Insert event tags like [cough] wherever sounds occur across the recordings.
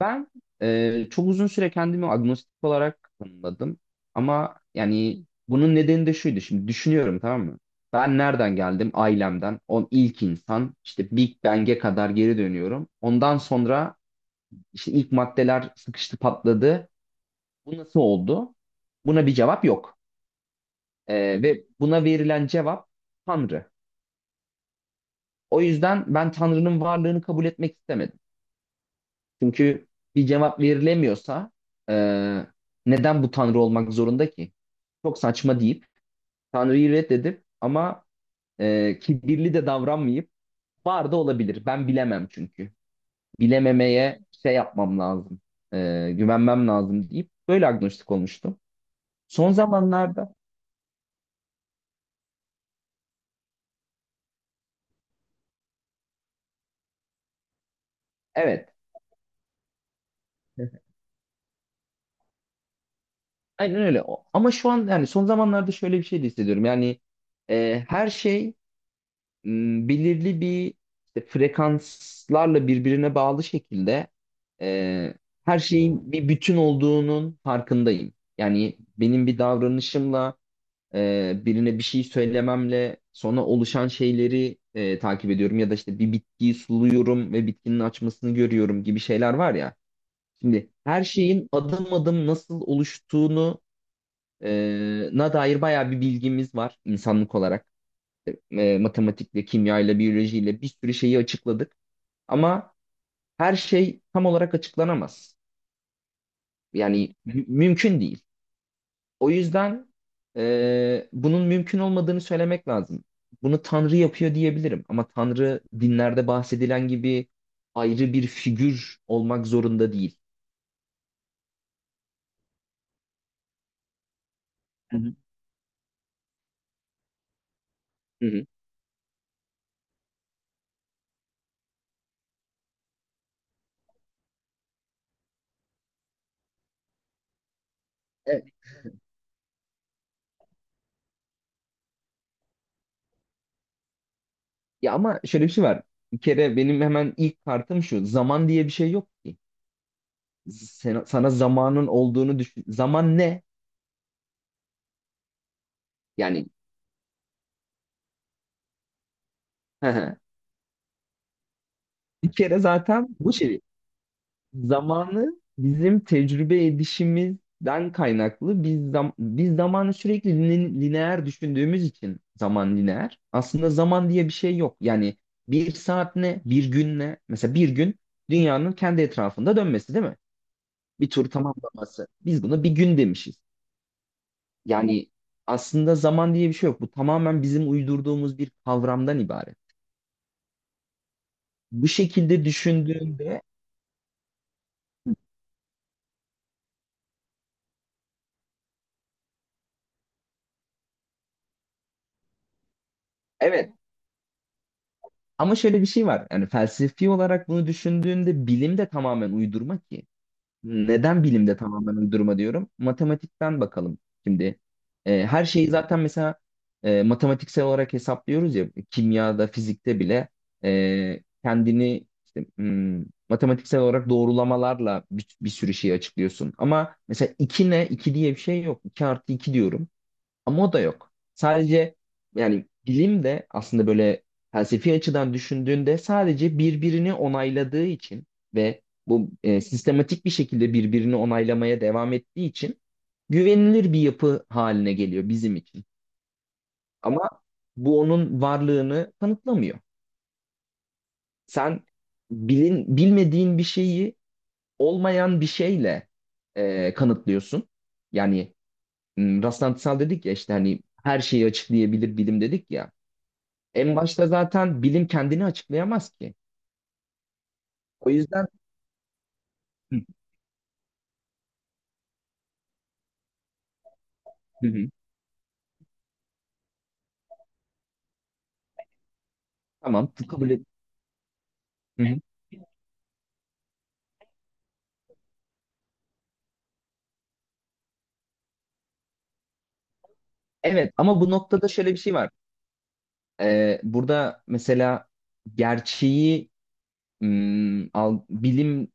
Ben çok uzun süre kendimi agnostik olarak tanımladım. Ama yani bunun nedeni de şuydu. Şimdi düşünüyorum, tamam mı? Ben nereden geldim? Ailemden. On ilk insan. İşte Big Bang'e kadar geri dönüyorum. Ondan sonra işte ilk maddeler sıkıştı, patladı. Bu nasıl oldu? Buna bir cevap yok. Ve buna verilen cevap Tanrı. O yüzden ben Tanrı'nın varlığını kabul etmek istemedim. Çünkü bir cevap verilemiyorsa e, neden bu Tanrı olmak zorunda ki? Çok saçma deyip Tanrı'yı reddedip ama kibirli de davranmayıp var da olabilir. Ben bilemem çünkü. Bilememeye şey yapmam lazım. Güvenmem lazım deyip böyle agnostik olmuştum. Son zamanlarda. Evet. [laughs] Aynen öyle. Ama şu an yani son zamanlarda şöyle bir şey de hissediyorum. Yani her şey belirli bir işte frekanslarla birbirine bağlı şekilde e, her şeyin bir bütün olduğunun farkındayım. Yani benim bir davranışımla birine bir şey söylememle sonra oluşan şeyleri takip ediyorum ya da işte bir bitkiyi suluyorum ve bitkinin açmasını görüyorum gibi şeyler var ya. Şimdi her şeyin adım adım nasıl oluştuğunu e, na dair bayağı bir bilgimiz var insanlık olarak, matematikle, kimyayla, biyolojiyle bir sürü şeyi açıkladık. Ama her şey tam olarak açıklanamaz. Yani mümkün değil. O yüzden bunun mümkün olmadığını söylemek lazım. Bunu Tanrı yapıyor diyebilirim. Ama Tanrı dinlerde bahsedilen gibi ayrı bir figür olmak zorunda değil. Hı hı. Hı hı. E, ya ama şöyle bir şey var. Bir kere benim hemen ilk kartım şu. Zaman diye bir şey yok ki. Sana zamanın olduğunu düşün. Zaman ne? Yani. [laughs] Bir kere zaten bu şey, zamanı bizim tecrübe edişimizden kaynaklı, biz zamanı sürekli lineer düşündüğümüz için zaman lineer. Aslında zaman diye bir şey yok. Yani bir saat ne, bir gün ne? Mesela bir gün dünyanın kendi etrafında dönmesi değil mi? Bir tur tamamlaması. Biz buna bir gün demişiz. Yani aslında zaman diye bir şey yok. Bu tamamen bizim uydurduğumuz bir kavramdan ibaret. Bu şekilde düşündüğünde. Evet. Ama şöyle bir şey var. Yani felsefi olarak bunu düşündüğünde bilim de tamamen uydurma ki. Neden bilim de tamamen uydurma diyorum? Matematikten bakalım şimdi. Her şeyi zaten mesela matematiksel olarak hesaplıyoruz ya. Kimyada, fizikte bile kendini işte, matematiksel olarak doğrulamalarla bir sürü şeyi açıklıyorsun. Ama mesela 2 ne? İki diye bir şey yok. İki artı 2 diyorum. Ama o da yok. Sadece, yani bilim de aslında böyle felsefi açıdan düşündüğünde sadece birbirini onayladığı için ve bu sistematik bir şekilde birbirini onaylamaya devam ettiği için güvenilir bir yapı haline geliyor bizim için. Ama bu onun varlığını kanıtlamıyor. Sen bilmediğin bir şeyi olmayan bir şeyle kanıtlıyorsun. Yani rastlantısal dedik ya, işte hani her şeyi açıklayabilir bilim dedik ya. En başta zaten bilim kendini açıklayamaz ki. O yüzden. Hı, hı, hı. Tamam, kabul et. Hı, hı. Evet ama bu noktada şöyle bir şey var. Burada mesela gerçeği bilim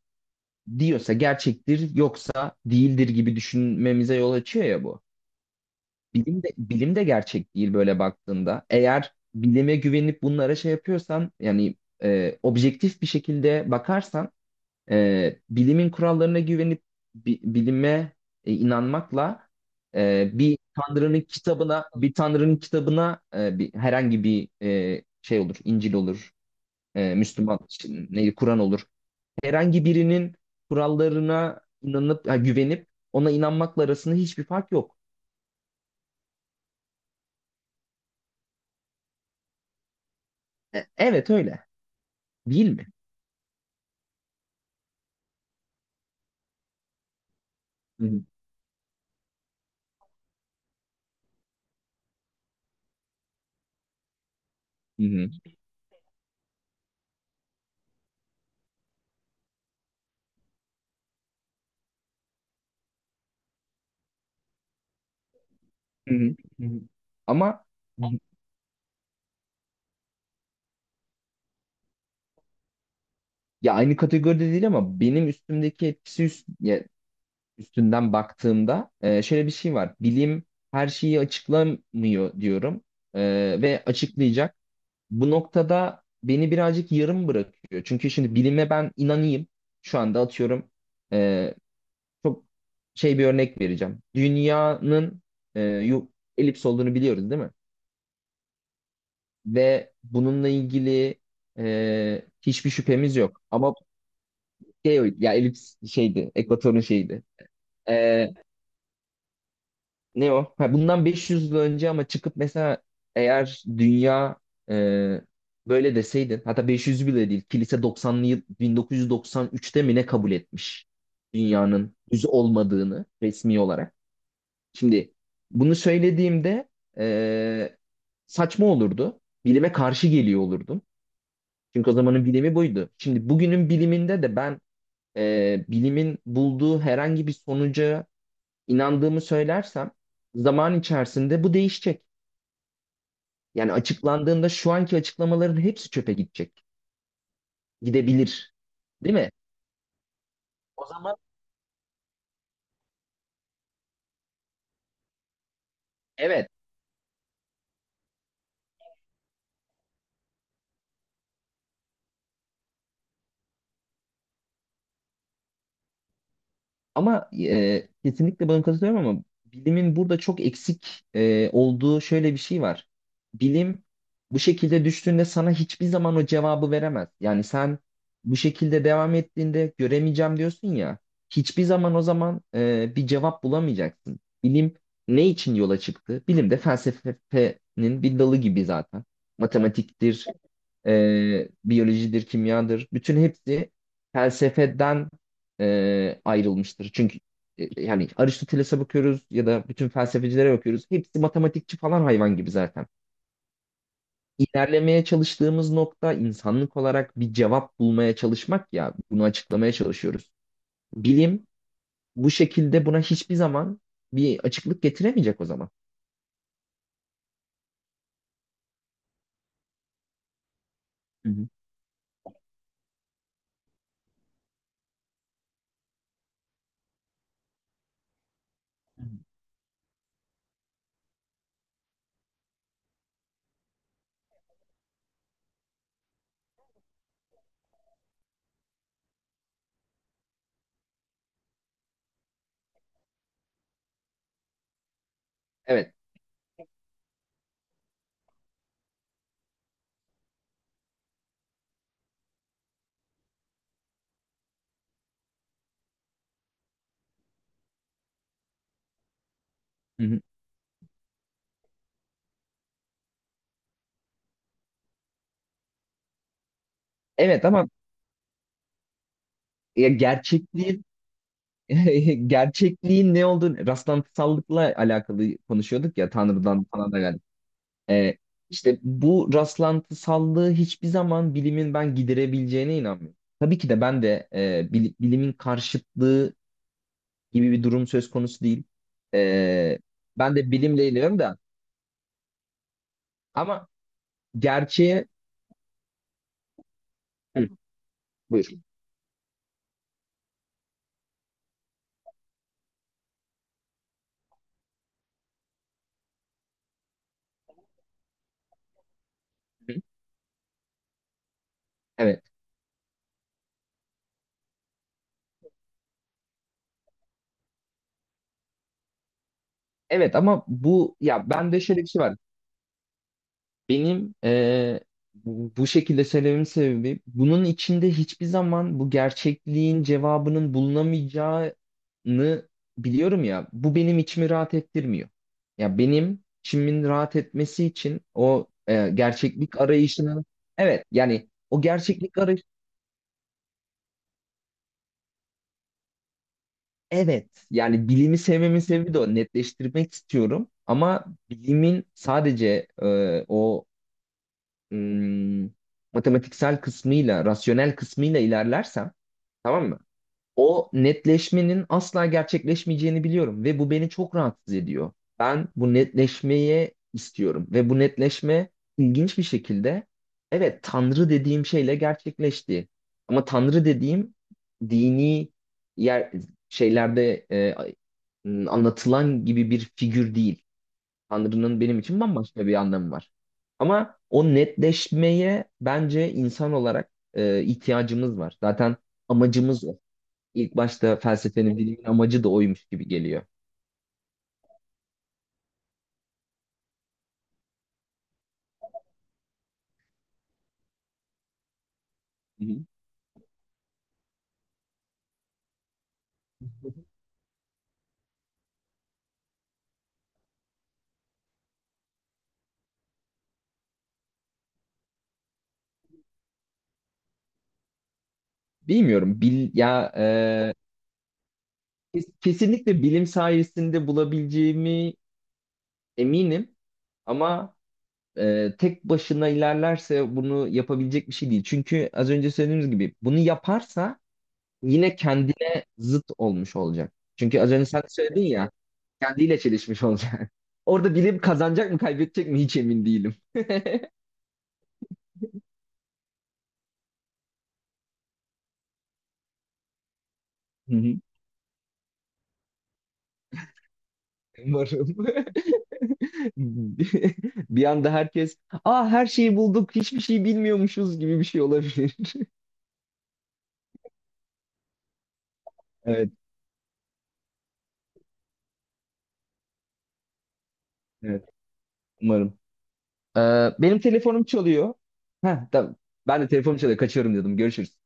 diyorsa gerçektir yoksa değildir gibi düşünmemize yol açıyor ya bu. Bilim de gerçek değil böyle baktığında. Eğer bilime güvenip bunlara şey yapıyorsan yani objektif bir şekilde bakarsan bilimin kurallarına güvenip bilime inanmakla bir tanrının kitabına, herhangi bir şey olur, İncil olur, Müslüman ne Kur'an olur. Herhangi birinin kurallarına inanıp güvenip ona inanmakla arasında hiçbir fark yok. Evet öyle. Değil mi? Hı hı. Hı hı. Hı hı. Hı hı. Ama, ya aynı kategoride değil ama benim üstümdeki etkisi ya üstünden baktığımda şöyle bir şey var. Bilim her şeyi açıklamıyor diyorum. E, ve açıklayacak. Bu noktada beni birazcık yarım bırakıyor. Çünkü şimdi bilime ben inanayım. Şu anda atıyorum, e, çok şey, bir örnek vereceğim. Dünyanın e, yu- elips olduğunu biliyoruz değil mi? Ve bununla ilgili hiçbir şüphemiz yok. Ama geoid, ya elips şeydi, ekvatorun şeydi. E, Ne o? Ha, bundan 500 yıl önce ama çıkıp mesela eğer dünya e, böyle deseydin, hatta 500 bile değil, kilise 90'lı yıl 1993'te mi ne kabul etmiş dünyanın düz olmadığını resmi olarak. Şimdi bunu söylediğimde e, saçma olurdu. Bilime karşı geliyor olurdum. Çünkü o zamanın bilimi buydu. Şimdi bugünün biliminde de ben bilimin bulduğu herhangi bir sonuca inandığımı söylersem zaman içerisinde bu değişecek. Yani açıklandığında şu anki açıklamaların hepsi çöpe gidecek. Gidebilir. Değil mi? O zaman evet. Ama kesinlikle buna katılıyorum ama bilimin burada çok eksik olduğu şöyle bir şey var. Bilim bu şekilde düştüğünde sana hiçbir zaman o cevabı veremez. Yani sen bu şekilde devam ettiğinde göremeyeceğim diyorsun ya, hiçbir zaman o zaman bir cevap bulamayacaksın. Bilim ne için yola çıktı? Bilim de felsefenin bir dalı gibi zaten. Matematiktir, biyolojidir, kimyadır. Bütün hepsi felsefeden ayrılmıştır. Çünkü yani Aristoteles'e bakıyoruz ya da bütün felsefecilere bakıyoruz. Hepsi matematikçi falan, hayvan gibi zaten. İlerlemeye çalıştığımız nokta insanlık olarak bir cevap bulmaya çalışmak, ya bunu açıklamaya çalışıyoruz. Bilim bu şekilde buna hiçbir zaman bir açıklık getiremeyecek o zaman. Hı hı. Hı hı. Evet. Hı hı. Evet ama ya, gerçekliğin [laughs] gerçekliğin ne olduğunu, rastlantısallıkla alakalı konuşuyorduk ya, Tanrı'dan falan da geldi. Ee, işte bu rastlantısallığı hiçbir zaman bilimin ben giderebileceğine inanmıyorum. Tabii ki de ben de bilimin karşıtlığı gibi bir durum söz konusu değil. Ee, ben de bilimle ilgileniyorum da, ama gerçeğe... Hı, buyur. Hı, evet. Evet ama bu, ya bende şöyle bir şey var. Benim bu şekilde söylememin sebebi, bunun içinde hiçbir zaman bu gerçekliğin cevabının bulunamayacağını biliyorum ya. Bu benim içimi rahat ettirmiyor. Ya benim içimin rahat etmesi için o gerçeklik arayışının, evet. Yani o gerçeklik arayış, evet. Yani bilimi sevmemin sebebi de o, netleştirmek istiyorum ama bilimin sadece o ım, matematiksel kısmıyla, rasyonel kısmıyla ilerlersem, tamam mı? O netleşmenin asla gerçekleşmeyeceğini biliyorum ve bu beni çok rahatsız ediyor. Ben bu netleşmeye istiyorum ve bu netleşme ilginç bir şekilde, evet, Tanrı dediğim şeyle gerçekleşti. Ama Tanrı dediğim, dini yer şeylerde anlatılan gibi bir figür değil. Tanrı'nın benim için bambaşka bir anlamı var. Ama o netleşmeye bence insan olarak ihtiyacımız var. Zaten amacımız o. İlk başta felsefenin, bilimin amacı da oymuş gibi geliyor. Hı hı. Bilmiyorum. Ya kesinlikle bilim sayesinde bulabileceğimi eminim. Ama tek başına ilerlerse bunu yapabilecek bir şey değil. Çünkü az önce söylediğimiz gibi bunu yaparsa yine kendine zıt olmuş olacak. Çünkü az önce sen de söyledin ya. Kendiyle çelişmiş olacak. [laughs] Orada bilim kazanacak mı, kaybedecek mi hiç emin değilim. [laughs] Hı hı. Umarım. [laughs] Bir anda herkes, aa her şeyi bulduk, hiçbir şey bilmiyormuşuz gibi bir şey olabilir. [laughs] Evet, evet umarım. Ee, benim telefonum çalıyor. Heh, tamam. Ben de telefonum çalıyor, kaçıyorum dedim. Görüşürüz.